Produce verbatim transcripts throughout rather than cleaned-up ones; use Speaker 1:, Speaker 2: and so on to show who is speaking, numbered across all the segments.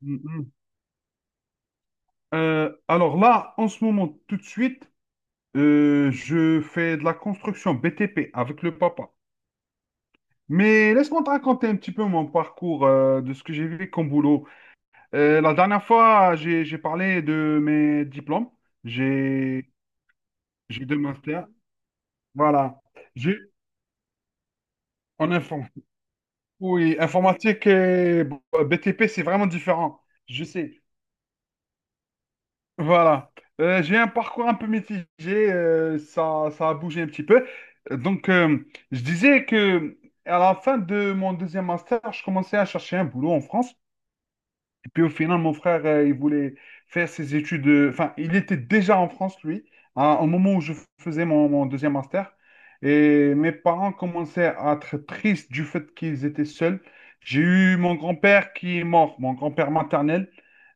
Speaker 1: Mhm. Euh, alors là, en ce moment, tout de suite, euh, je fais de la construction B T P avec le papa. Mais laisse-moi te raconter un petit peu mon parcours euh, de ce que j'ai vu comme boulot. Euh, la dernière fois, j'ai, j'ai parlé de mes diplômes. J'ai, j'ai deux masters. Voilà. J'ai en inform- Oui, informatique et B T P, c'est vraiment différent. Je sais. Voilà. Euh, j'ai un parcours un peu mitigé, euh, ça, ça a bougé un petit peu. Euh, Donc, euh, je disais que à la fin de mon deuxième master, je commençais à chercher un boulot en France et puis au final, mon frère, euh, il voulait faire ses études. euh, Enfin, il était déjà en France, lui, à- au moment où je faisais mon, mon deuxième master. Et mes parents commençaient à être tristes du fait qu'ils étaient seuls. J'ai eu mon grand-père qui est mort, mon grand-père maternel.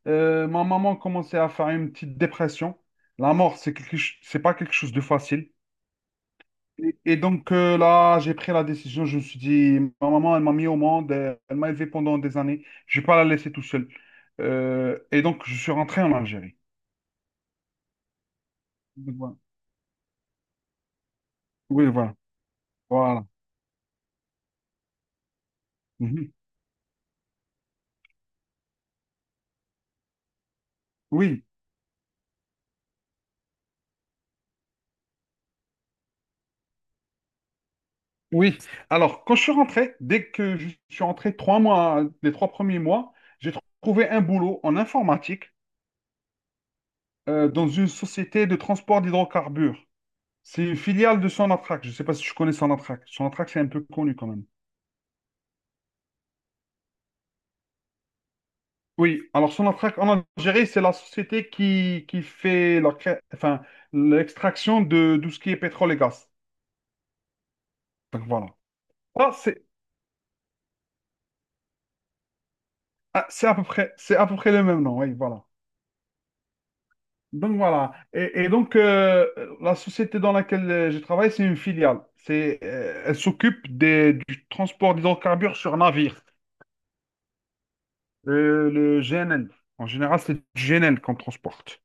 Speaker 1: Euh, ma maman commençait à faire une petite dépression. La mort, c'est quelque ch- c'est pas quelque chose de facile. Et et donc euh, là, j'ai pris la décision. Je me suis dit, ma maman, elle m'a mis au monde, euh, elle m'a élevé pendant des années. Je vais pas la laisser tout seule. Euh, et donc, je suis rentré en Algérie. Donc, voilà. Oui, voilà. Voilà. Mhm. Oui, oui. Alors, quand je suis rentré, dès que je suis rentré, trois mois, les trois premiers mois, j'ai tr- trouvé un boulot en informatique euh, dans une société de transport d'hydrocarbures. C'est une filiale de Sonatrach. Je ne sais pas si tu connais Sonatrach. Sonatrach, c'est un peu connu quand même. Oui, alors Sonatrach en Algérie, c'est la société qui, qui fait la cré- enfin, l'extraction de tout ce qui est pétrole et gaz. Donc voilà. Ah, c'est ah, c'est à peu près, c'est à peu près le même nom, oui, voilà. Donc voilà. Et, et donc, euh, la société dans laquelle euh, je travaille, c'est une filiale. C'est, euh, elle s'occupe des- du transport d'hydrocarbures sur navire. Euh, le G N L. En général, c'est du G N L qu'on transporte.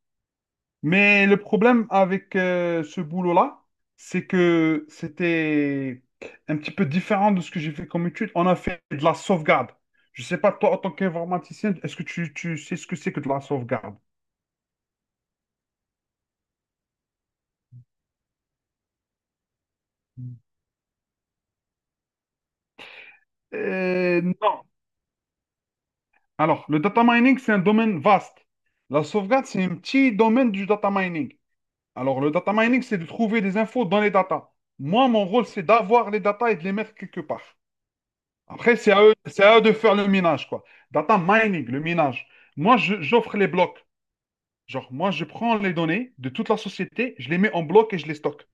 Speaker 1: Mais le problème avec euh, ce boulot-là, c'est que c'était un petit peu différent de ce que j'ai fait comme étude. On a fait de la sauvegarde. Je ne sais pas, toi, en tant qu'informaticien, est-ce que tu, tu sais ce que c'est que de la sauvegarde? Euh, non. Alors, le data mining, c'est un domaine vaste. La sauvegarde, c'est un petit domaine du data mining. Alors, le data mining, c'est de trouver des infos dans les data. Moi, mon rôle, c'est d'avoir les data et de les mettre quelque part. Après, c'est à eux, c'est à eux de faire le minage, quoi. Data mining, le minage. Moi, je- j'offre les blocs. Genre, moi, je prends les données de toute la société, je les mets en bloc et je les stocke.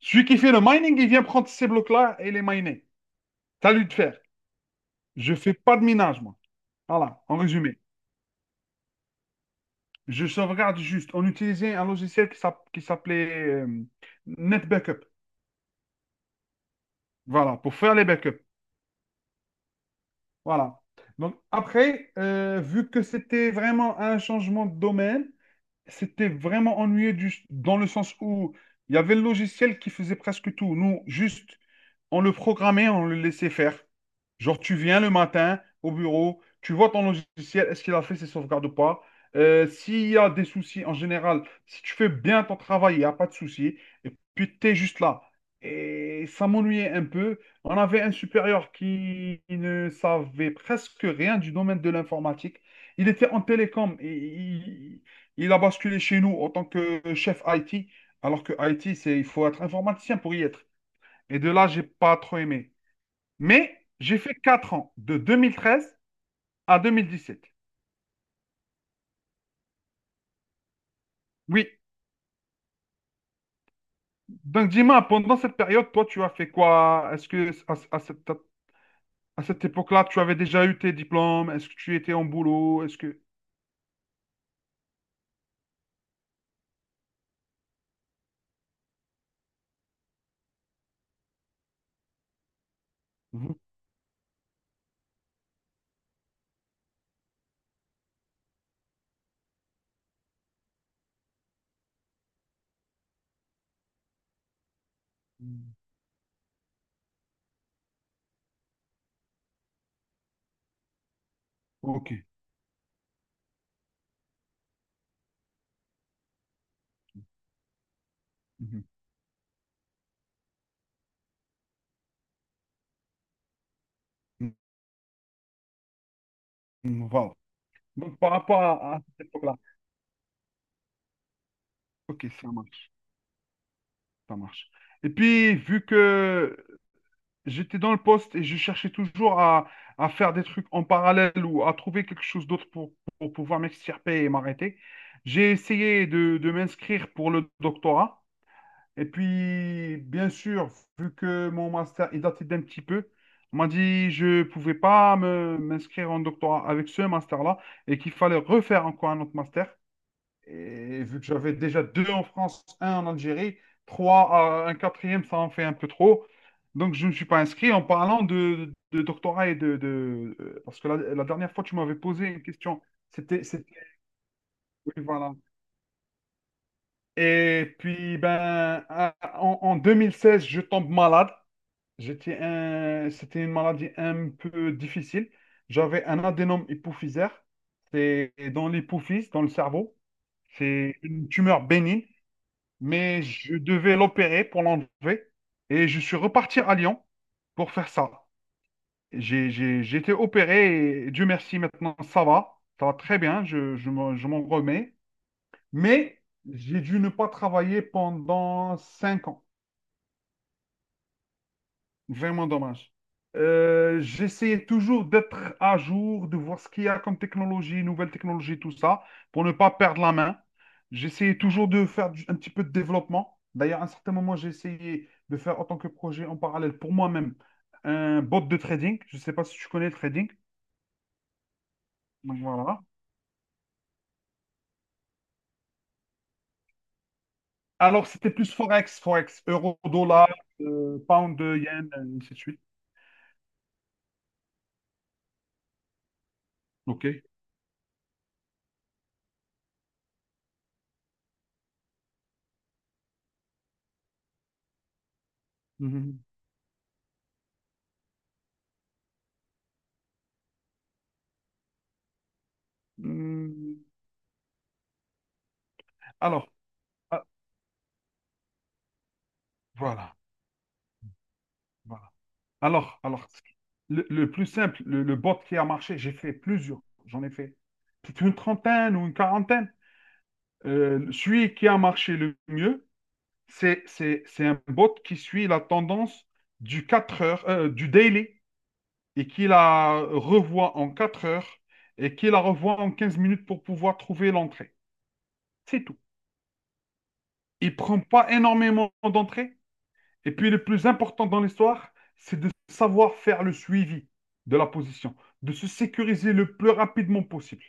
Speaker 1: Celui qui fait le mining, il vient prendre ces blocs-là et les miner. C'est à lui de faire. Je fais pas de minage, moi. Voilà, en résumé. Je sauvegarde juste. On utilisait un logiciel qui s'app- qui s'appelait euh, NetBackup. Voilà, pour faire les backups. Voilà. Donc, après, euh, vu que c'était vraiment un changement de domaine, c'était vraiment ennuyeux du- dans le sens où il y avait le logiciel qui faisait presque tout. Nous, juste, on le programmait, on le laissait faire. Genre, tu viens le matin au bureau, tu vois ton logiciel, est-ce qu'il a fait ses sauvegardes ou pas? Euh, s'il y a des soucis en général, si tu fais bien ton travail, il n'y a pas de soucis. Et puis, tu es juste là. Et ça m'ennuyait un peu. On avait un supérieur qui ne savait presque rien du domaine de l'informatique. Il était en télécom et il, il a basculé chez nous en tant que chef I T, alors que I T, c'est, il faut être informaticien pour y être. Et de là, j'ai pas trop aimé. Mais j'ai fait quatre ans, de vingt treize à deux mille dix-sept. Oui. Donc dis-moi, pendant cette période, toi, tu as fait quoi? Est-ce que à, à cette, à cette époque-là, tu avais déjà eu tes diplômes? Est-ce que tu étais en boulot? Est-ce que... Mhm. Ok. Mhm. Mhm. Voilà. Donc par rapport à, à cette époque-là. Ok, ça marche. Ça marche. Et puis, vu que j'étais dans le poste et je cherchais toujours à, à faire des trucs en parallèle ou à trouver quelque chose d'autre pour, pour pouvoir m'extirper et m'arrêter. J'ai essayé de, de m'inscrire pour le doctorat. Et puis, bien sûr, vu que mon master il datait d'un petit peu, on m'a dit je ne pouvais pas me- m'inscrire en doctorat avec ce master-là et qu'il fallait refaire encore un autre master. Et vu que j'avais déjà deux en France, un en Algérie, trois, euh, un quatrième, ça en fait un peu trop. Donc, je ne me suis pas inscrit en parlant de, de doctorat et de, de- euh, Parce que la, la dernière fois, tu m'avais posé une question. C'était... c'était- Oui, voilà. Et puis, ben, à- en, en deux mille seize, je tombe malade. J'étais un... C'était une maladie un peu difficile. J'avais un adénome hypophysaire. C'est dans l'hypophyse, dans le cerveau. C'est une tumeur bénigne. Mais je devais l'opérer pour l'enlever et je suis reparti à Lyon pour faire ça. J'ai, j'ai- j'ai été opéré et Dieu merci, maintenant ça va, ça va très bien, je, je m'en je m'en remets. Mais j'ai dû ne pas travailler pendant cinq ans. Vraiment dommage. Euh, j'essayais toujours d'être à jour, de voir ce qu'il y a comme technologie, nouvelles technologies, tout ça, pour ne pas perdre la main. J'essayais toujours de faire du- un petit peu de développement. D'ailleurs, à un certain moment, j'ai essayé de faire en tant que projet en parallèle pour moi-même un bot de trading. Je ne sais pas si tu connais le trading. Donc voilà. Alors, c'était plus Forex, Forex, euro, dollar, euh, pound, yen, ainsi de suite. OK. Mhm. Hmm. Alors, ah, voilà. Voilà. Alors, alors, le, le plus simple, le, le bot qui a marché, j'ai fait plusieurs, j'en ai fait peut-être une trentaine ou une quarantaine. Euh, celui qui a marché le mieux, c'est, c'est, c'est un bot qui suit la tendance du quatre heures, euh, du daily, et qui la revoit en quatre heures, et qui la revoit en quinze minutes pour pouvoir trouver l'entrée. C'est tout. Il prend pas énormément d'entrées. Et puis le plus important dans l'histoire, c'est de savoir faire le suivi de la position, de se sécuriser le plus rapidement possible.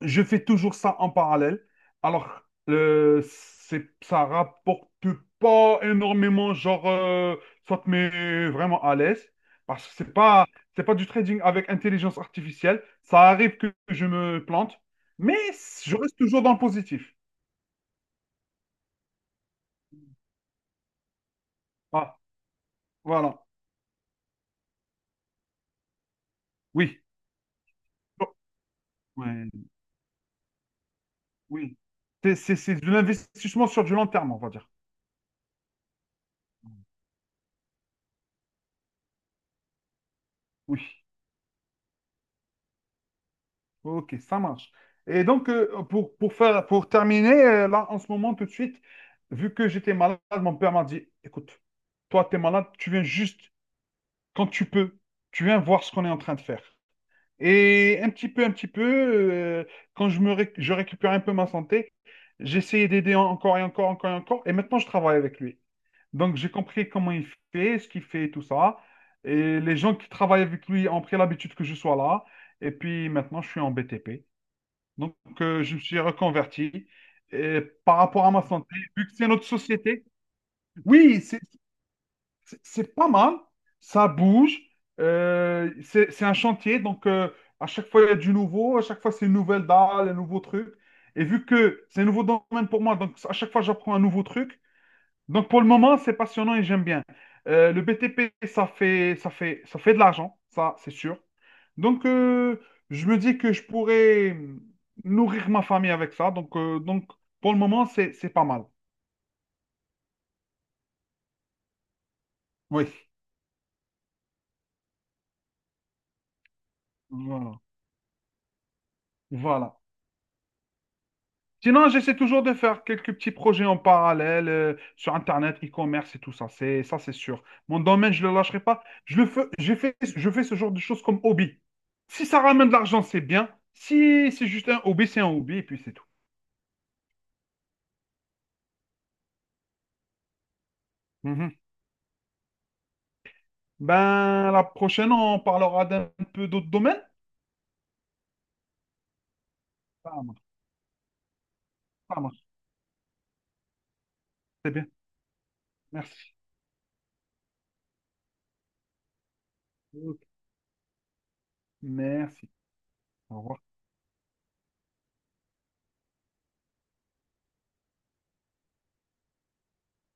Speaker 1: Je fais toujours ça en parallèle. Alors, euh, c'est, ça rapporte pas énormément, genre, euh, ça te met vraiment à l'aise. Parce que c'est pas, c'est pas du trading avec intelligence artificielle. Ça arrive que je me plante, mais je reste toujours dans le positif. Ah, voilà. Oui. Bon, ouais. Oui. C'est c'est- c'est de l'investissement sur du long terme, on va dire. Oui. Ok, ça marche. Et donc, euh, pour, pour faire, pour terminer, euh, là, en ce moment, tout de suite, vu que j'étais malade, mon père m'a dit, écoute, toi, tu es malade, tu viens juste quand tu peux, tu viens voir ce qu'on est en train de faire. Et un petit peu, un petit peu, euh, quand je me réc- je récupère un peu ma santé, j'essayais d'aider encore et encore, encore et encore. Et maintenant, je travaille avec lui. Donc, j'ai compris comment il fait, ce qu'il fait, tout ça. Et les gens qui travaillent avec lui ont pris l'habitude que je sois là. Et puis maintenant, je suis en B T P. Donc, euh, je me suis reconverti. Et par rapport à ma santé, vu que c'est notre société, oui, c'est c'est- c'est pas mal. Ça bouge. Euh, c'est c'est un chantier. Donc, euh, à chaque fois, il y a du nouveau. À chaque fois, c'est une nouvelle dalle, un nouveau truc. Et vu que c'est un nouveau domaine pour moi, donc à chaque fois, j'apprends un nouveau truc. Donc pour le moment, c'est passionnant et j'aime bien. Euh, le B T P, ça fait, ça fait, ça fait de l'argent, ça, c'est sûr. Donc euh, je me dis que je pourrais nourrir ma famille avec ça. Donc, euh, donc pour le moment, c'est, c'est pas mal. Oui. Voilà. Voilà. Sinon, j'essaie toujours de faire quelques petits projets en parallèle euh, sur Internet, e-commerce et tout ça. C'est ça, c'est sûr. Mon domaine, je ne le lâcherai pas. Je le fais, je fais, je fais ce genre de choses comme hobby. Si ça ramène de l'argent, c'est bien. Si c'est juste un hobby, c'est un hobby et puis c'est tout. Mhm. Ben, la prochaine, on parlera d'un peu d'autres domaines. Ça marche, ça marche. C'est bien. Merci. Ok. Merci. Au revoir.